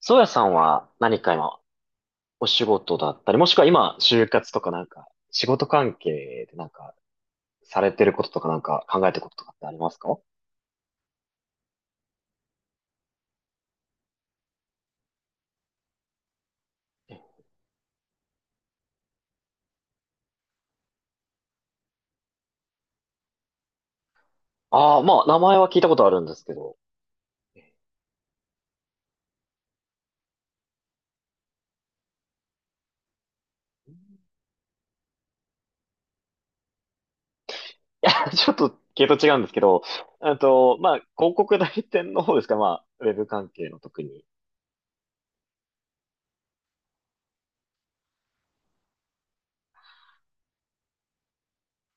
宗谷さんは何か今お仕事だったり、もしくは今就活とかなんか仕事関係でなんかされてることとかなんか考えてることとかってありますか？ああー、まあ名前は聞いたことあるんですけど。いや、ちょっと系統違うんですけど、まあ広告代理店の方ですか、まあウェブ関係の特に。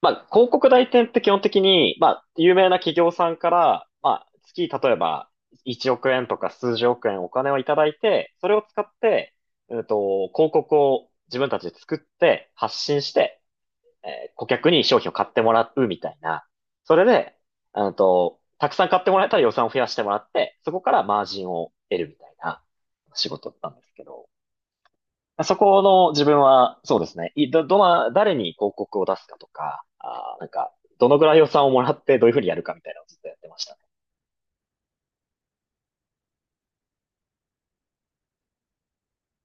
まあ、広告代理店って基本的に、まあ、有名な企業さんから、まあ、月、例えば、1億円とか数十億円お金をいただいて、それを使って、広告を自分たちで作って発信して、顧客に商品を買ってもらうみたいな。それで、たくさん買ってもらえたら予算を増やしてもらって、そこからマージンを得るみたいな仕事だったんですけど。そこの自分は、そうですね。いど、どな、誰に広告を出すかとか、どのぐらい予算をもらってどういうふうにやるかみたいなのをずっとやってましたね。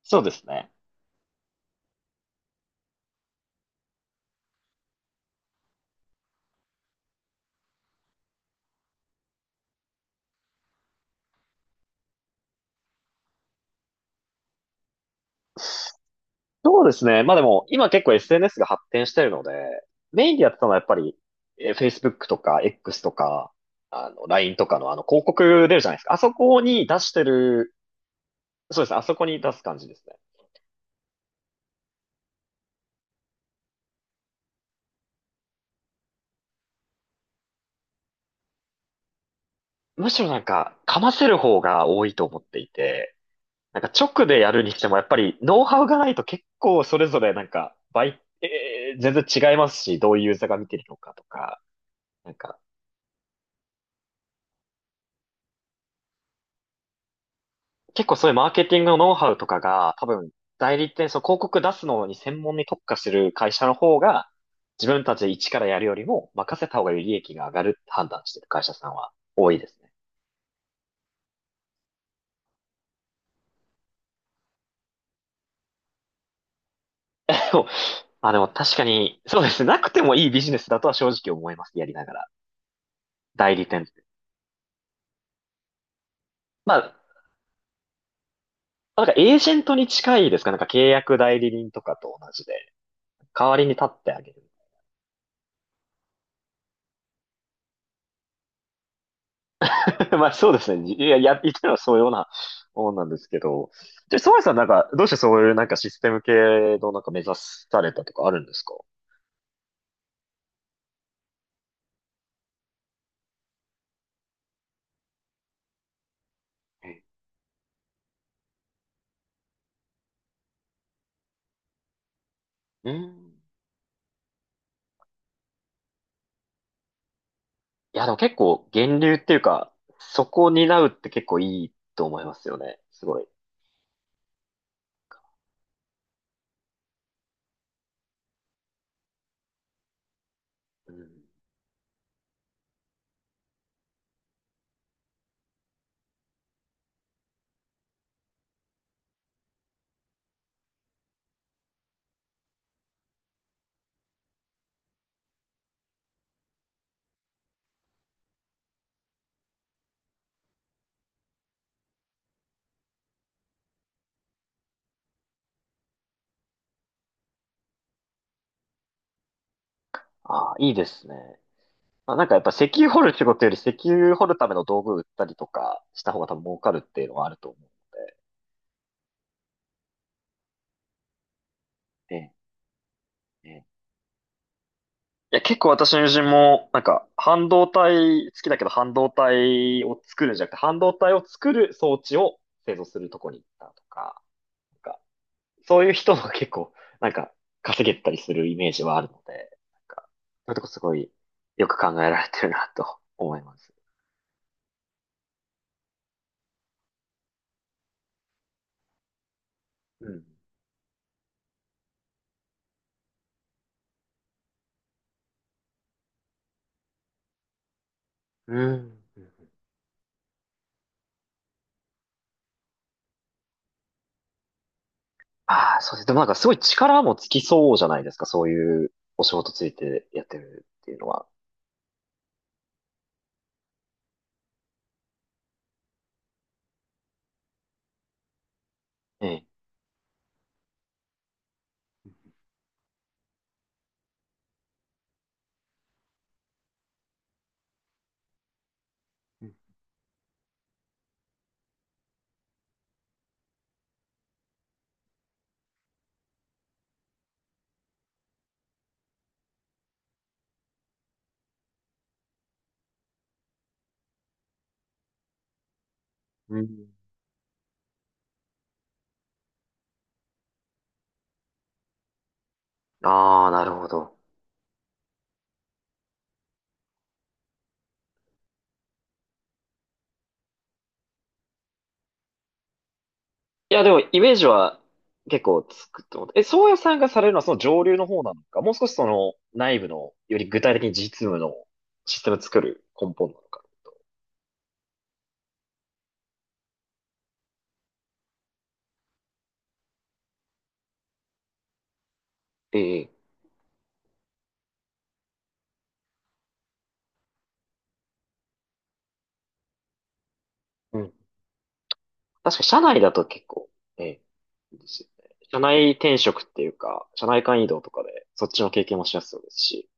そうですね。そうですね。まあでも、今結構 SNS が発展してるので、メインでやってたのはやっぱり、Facebook とか X とか、あの、LINE とかのあの、広告出るじゃないですか。あそこに出してる、そうですね。あそこに出す感じですね。むしろなんか、かませる方が多いと思っていて、なんか直でやるにしても、やっぱりノウハウがないと結構それぞれなんか倍、全然違いますし、どういうユーザーが見てるのかとか、なんか結構そういうマーケティングのノウハウとかが多分代理店、その広告出すのに専門に特化してる会社の方が自分たちで一からやるよりも任せた方がより利益が上がるって判断してる会社さんは多いですね。でもまあでも確かに、そうですね。なくてもいいビジネスだとは正直思います。やりながら。代理店って。まあ、なんかエージェントに近いですか、なんか契約代理人とかと同じで、代わりに立ってあげる。まあそうですね。言ってるのはそういうようなもんなんですけど。で、ソワイさんなんか、どうしてそういうなんかシステム系のなんか目指されたとかあるんですか？うん。いや、でも結構源流っていうか、そこを担うって結構いいと思いますよね。すごい。うん。ああ、いいですね。まあ、なんかやっぱ石油掘る仕事より石油掘るための道具売ったりとかした方が多分儲かるっていうのはあると思うので。ね。いや、結構私の友人も、なんか、半導体好きだけど、半導体を作るんじゃなくて、半導体を作る装置を製造するとこに行ったとか、なんか、そういう人が結構、なんか、稼げたりするイメージはあるので、なんか、そういうとこすごいよく考えられてるなと思います。うん。うん。ああ、そうです。でもなんかすごい力もつきそうじゃないですか、そういうお仕事ついてやってるっていうのは。ええ。うん。ああ、なるほど。いや、でも、イメージは結構つくと思う。え、宗谷さんがされるのはその上流の方なのか、もう少しその内部の、より具体的に実務のシステムを作る根本なのか。ええ。うん。確か社内だと結構、ええ、いいですよね。社内転職っていうか、社内間移動とかで、そっちの経験もしやすそうですし。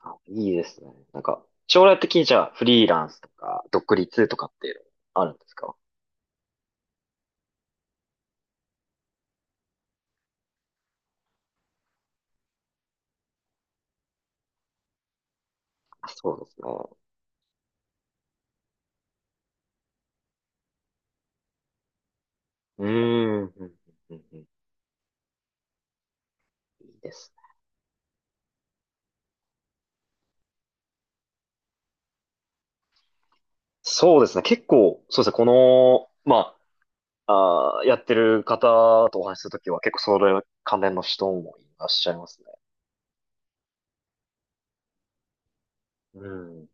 あ、いいですね。なんか、将来的にじゃあ、フリーランスとか、独立とかっていうのあるんですか？あ、そうですね。うーん。うんうん。うんうん。いいですね。そうですね。結構、そうですね。この、まあ、あーやってる方とお話しするときは結構それ関連の人もいらっしゃいますね。うん。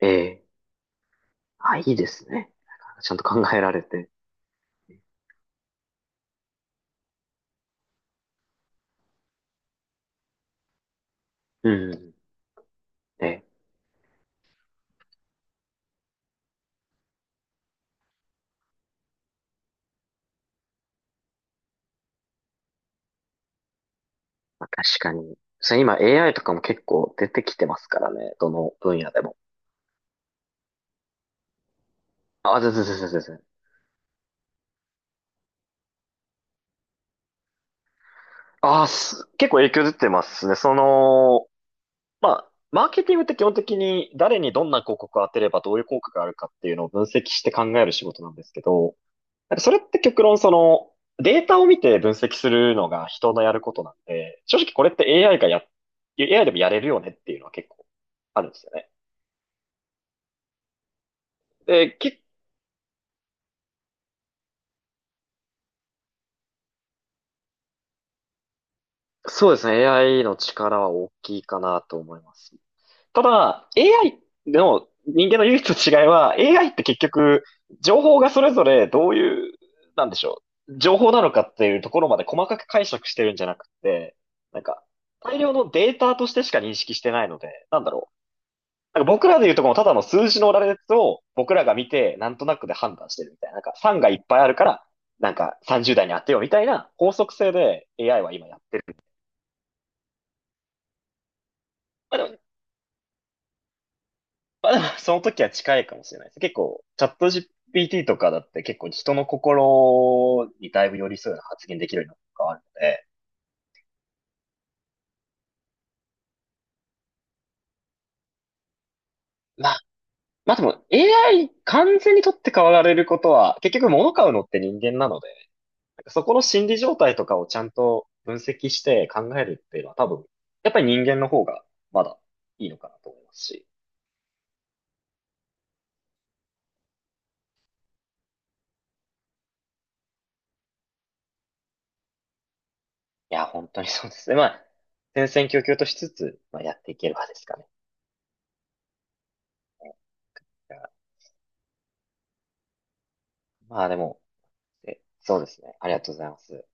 ええ。あ、いいですね。ちゃんと考えられて。うん。ええ。まあ、確かに。それ今 AI とかも結構出てきてますからね。どの分野でも。あ、全然全然全然。ああ、結構影響出てますね。その、まあ、マーケティングって基本的に誰にどんな広告を当てればどういう効果があるかっていうのを分析して考える仕事なんですけど、なんかそれって極論そのデータを見て分析するのが人のやることなんで、正直これって AI がや、AI でもやれるよねっていうのは結構あるんですよね。で、け、そうですね。AI の力は大きいかなと思います。ただ、AI の人間の唯一の違いは、AI って結局、情報がそれぞれどういう、なんでしょう、情報なのかっていうところまで細かく解釈してるんじゃなくて、なんか、大量のデータとしてしか認識してないので、なんだろう。なんか僕らで言うとこのただの数字の羅列を僕らが見て、なんとなくで判断してるみたいな。なんか3がいっぱいあるから、なんか30代に当てようみたいな法則性で AI は今やってる。まあ、でもまあでも、その時は近いかもしれないです。結構、チャット GPT とかだって結構人の心にだいぶ寄り添うような発言できるようになったとかあるので、まあ、まあでも AI 完全に取って代わられることは、結局物買うのって人間なので、なんかそこの心理状態とかをちゃんと分析して考えるっていうのは多分、やっぱり人間の方がまだいいのかなと思いますし。いや、本当にそうですね。まあ、戦々恐々としつつ、まあ、やっていければですかね。だからまあでも、そうですね。ありがとうございます。